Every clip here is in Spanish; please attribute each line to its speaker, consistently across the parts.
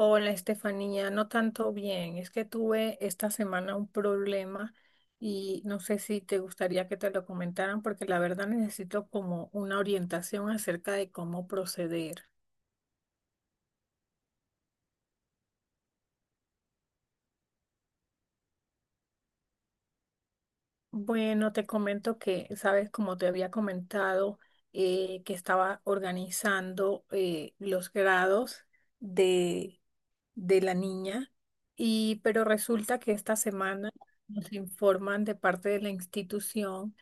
Speaker 1: Hola, Estefanía, no tanto bien. Es que tuve esta semana un problema y no sé si te gustaría que te lo comentaran porque la verdad necesito como una orientación acerca de cómo proceder. Bueno, te comento que, sabes, como te había comentado, que estaba organizando los grados de, de la niña y pero resulta que esta semana nos informan de parte de la institución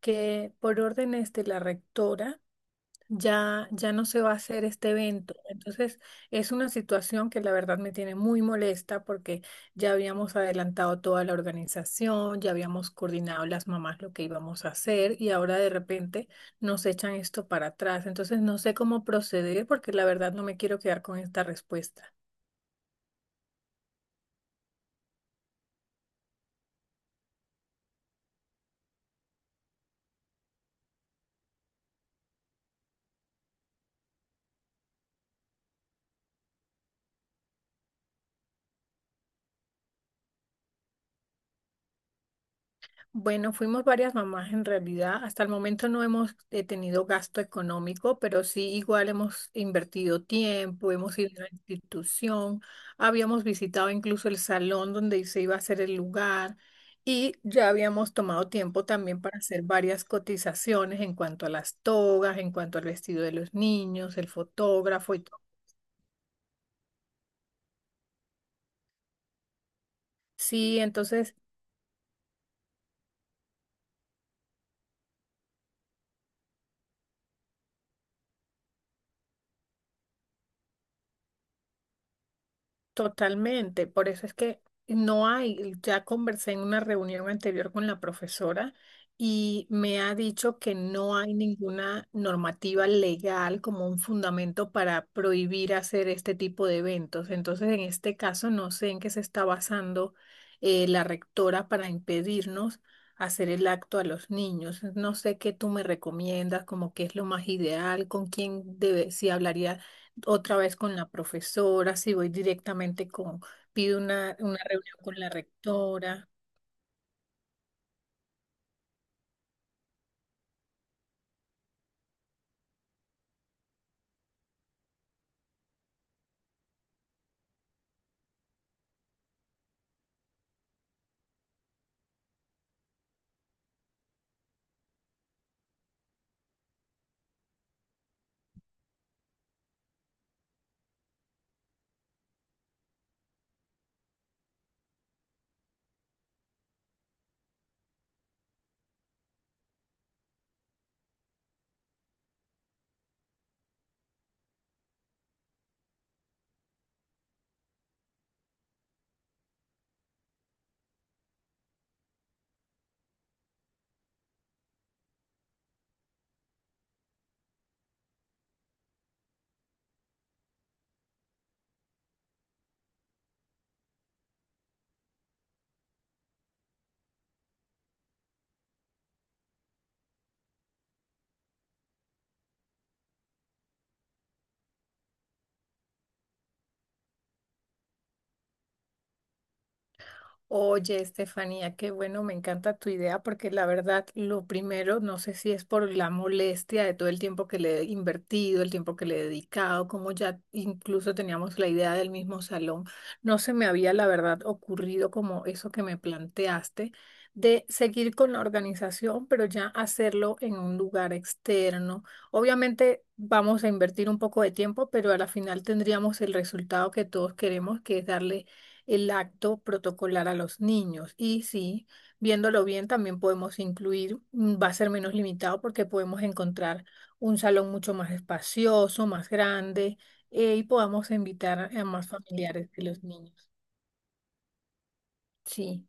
Speaker 1: que por órdenes de la rectora ya no se va a hacer este evento. Entonces, es una situación que la verdad me tiene muy molesta porque ya habíamos adelantado toda la organización, ya habíamos coordinado las mamás lo que íbamos a hacer y ahora de repente nos echan esto para atrás. Entonces, no sé cómo proceder porque la verdad no me quiero quedar con esta respuesta. Bueno, fuimos varias mamás en realidad. Hasta el momento no hemos tenido gasto económico, pero sí igual hemos invertido tiempo, hemos ido a la institución, habíamos visitado incluso el salón donde se iba a hacer el lugar y ya habíamos tomado tiempo también para hacer varias cotizaciones en cuanto a las togas, en cuanto al vestido de los niños, el fotógrafo y todo. Sí, entonces totalmente, por eso es que no hay, ya conversé en una reunión anterior con la profesora y me ha dicho que no hay ninguna normativa legal como un fundamento para prohibir hacer este tipo de eventos. Entonces, en este caso, no sé en qué se está basando la rectora para impedirnos hacer el acto a los niños. No sé qué tú me recomiendas, como qué es lo más ideal, con quién debe, si hablaría otra vez con la profesora, si voy directamente con, pido una reunión con la rectora. Oye, Estefanía, qué bueno, me encanta tu idea porque la verdad, lo primero, no sé si es por la molestia de todo el tiempo que le he invertido, el tiempo que le he dedicado, como ya incluso teníamos la idea del mismo salón, no se me había la verdad ocurrido como eso que me planteaste de seguir con la organización, pero ya hacerlo en un lugar externo. Obviamente vamos a invertir un poco de tiempo, pero a la final tendríamos el resultado que todos queremos, que es darle el acto protocolar a los niños. Y sí, viéndolo bien, también podemos incluir, va a ser menos limitado porque podemos encontrar un salón mucho más espacioso, más grande, y podamos invitar a más familiares de los niños. Sí.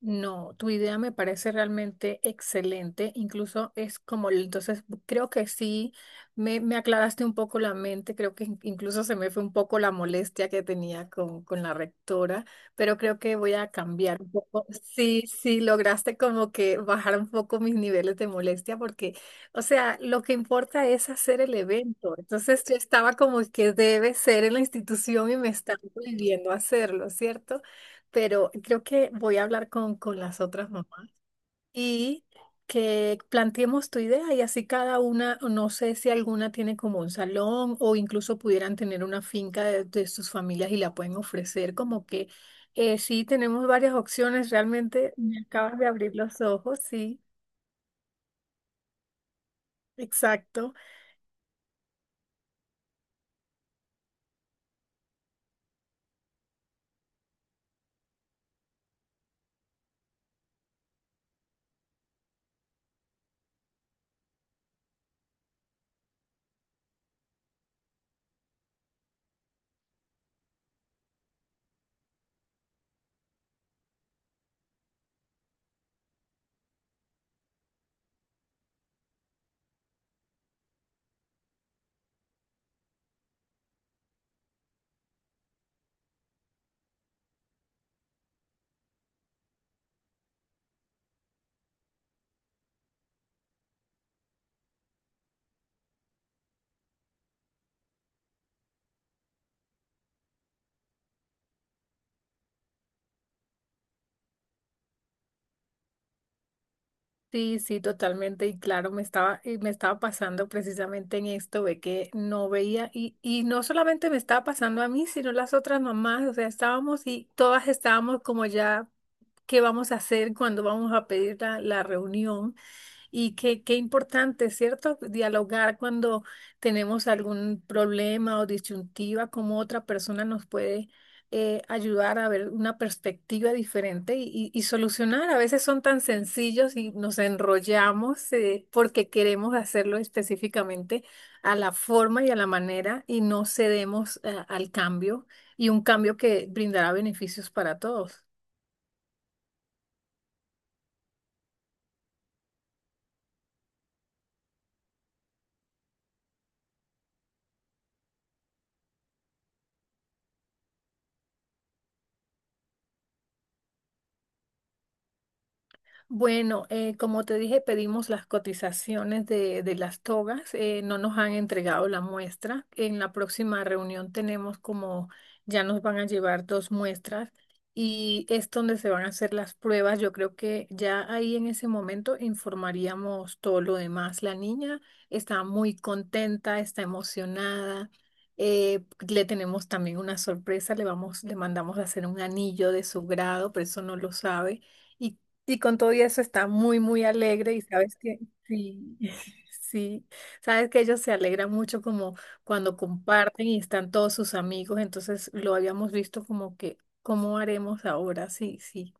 Speaker 1: No, tu idea me parece realmente excelente, incluso es como, entonces creo que sí, me aclaraste un poco la mente, creo que incluso se me fue un poco la molestia que tenía con la rectora, pero creo que voy a cambiar un poco. Sí, sí, lograste como que bajar un poco mis niveles de molestia porque, o sea, lo que importa es hacer el evento, entonces yo estaba como que debe ser en la institución y me están prohibiendo hacerlo, ¿cierto? Pero creo que voy a hablar con las otras mamás y que planteemos tu idea y así cada una, no sé si alguna tiene como un salón o incluso pudieran tener una finca de sus familias y la pueden ofrecer, como que sí, tenemos varias opciones, realmente me acabas de abrir los ojos, sí, exacto. Sí, sí, totalmente. Y claro, me estaba pasando precisamente en esto de que no veía, y no solamente me estaba pasando a mí, sino las otras mamás. O sea, estábamos y todas estábamos como ya, ¿qué vamos a hacer cuando vamos a pedir la reunión? Y qué, qué importante, ¿cierto? Dialogar cuando tenemos algún problema o disyuntiva, cómo otra persona nos puede ayudar a ver una perspectiva diferente y solucionar. A veces son tan sencillos y nos enrollamos porque queremos hacerlo específicamente a la forma y a la manera y no cedemos al cambio y un cambio que brindará beneficios para todos. Bueno, como te dije, pedimos las cotizaciones de las togas. No nos han entregado la muestra. En la próxima reunión tenemos como ya nos van a llevar dos muestras y es donde se van a hacer las pruebas. Yo creo que ya ahí en ese momento informaríamos todo lo demás. La niña está muy contenta, está emocionada. Le tenemos también una sorpresa. Le vamos, le mandamos a hacer un anillo de su grado, pero eso no lo sabe. Y y con todo y eso está muy, muy alegre y sabes que sí, sí, sabes que ellos se alegran mucho como cuando comparten y están todos sus amigos, entonces lo habíamos visto como que, ¿cómo haremos ahora? Sí, sí.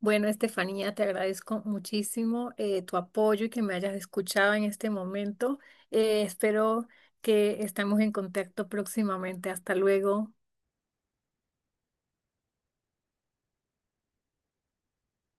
Speaker 1: Bueno, Estefanía, te agradezco muchísimo tu apoyo y que me hayas escuchado en este momento. Espero que estemos en contacto próximamente. Hasta luego.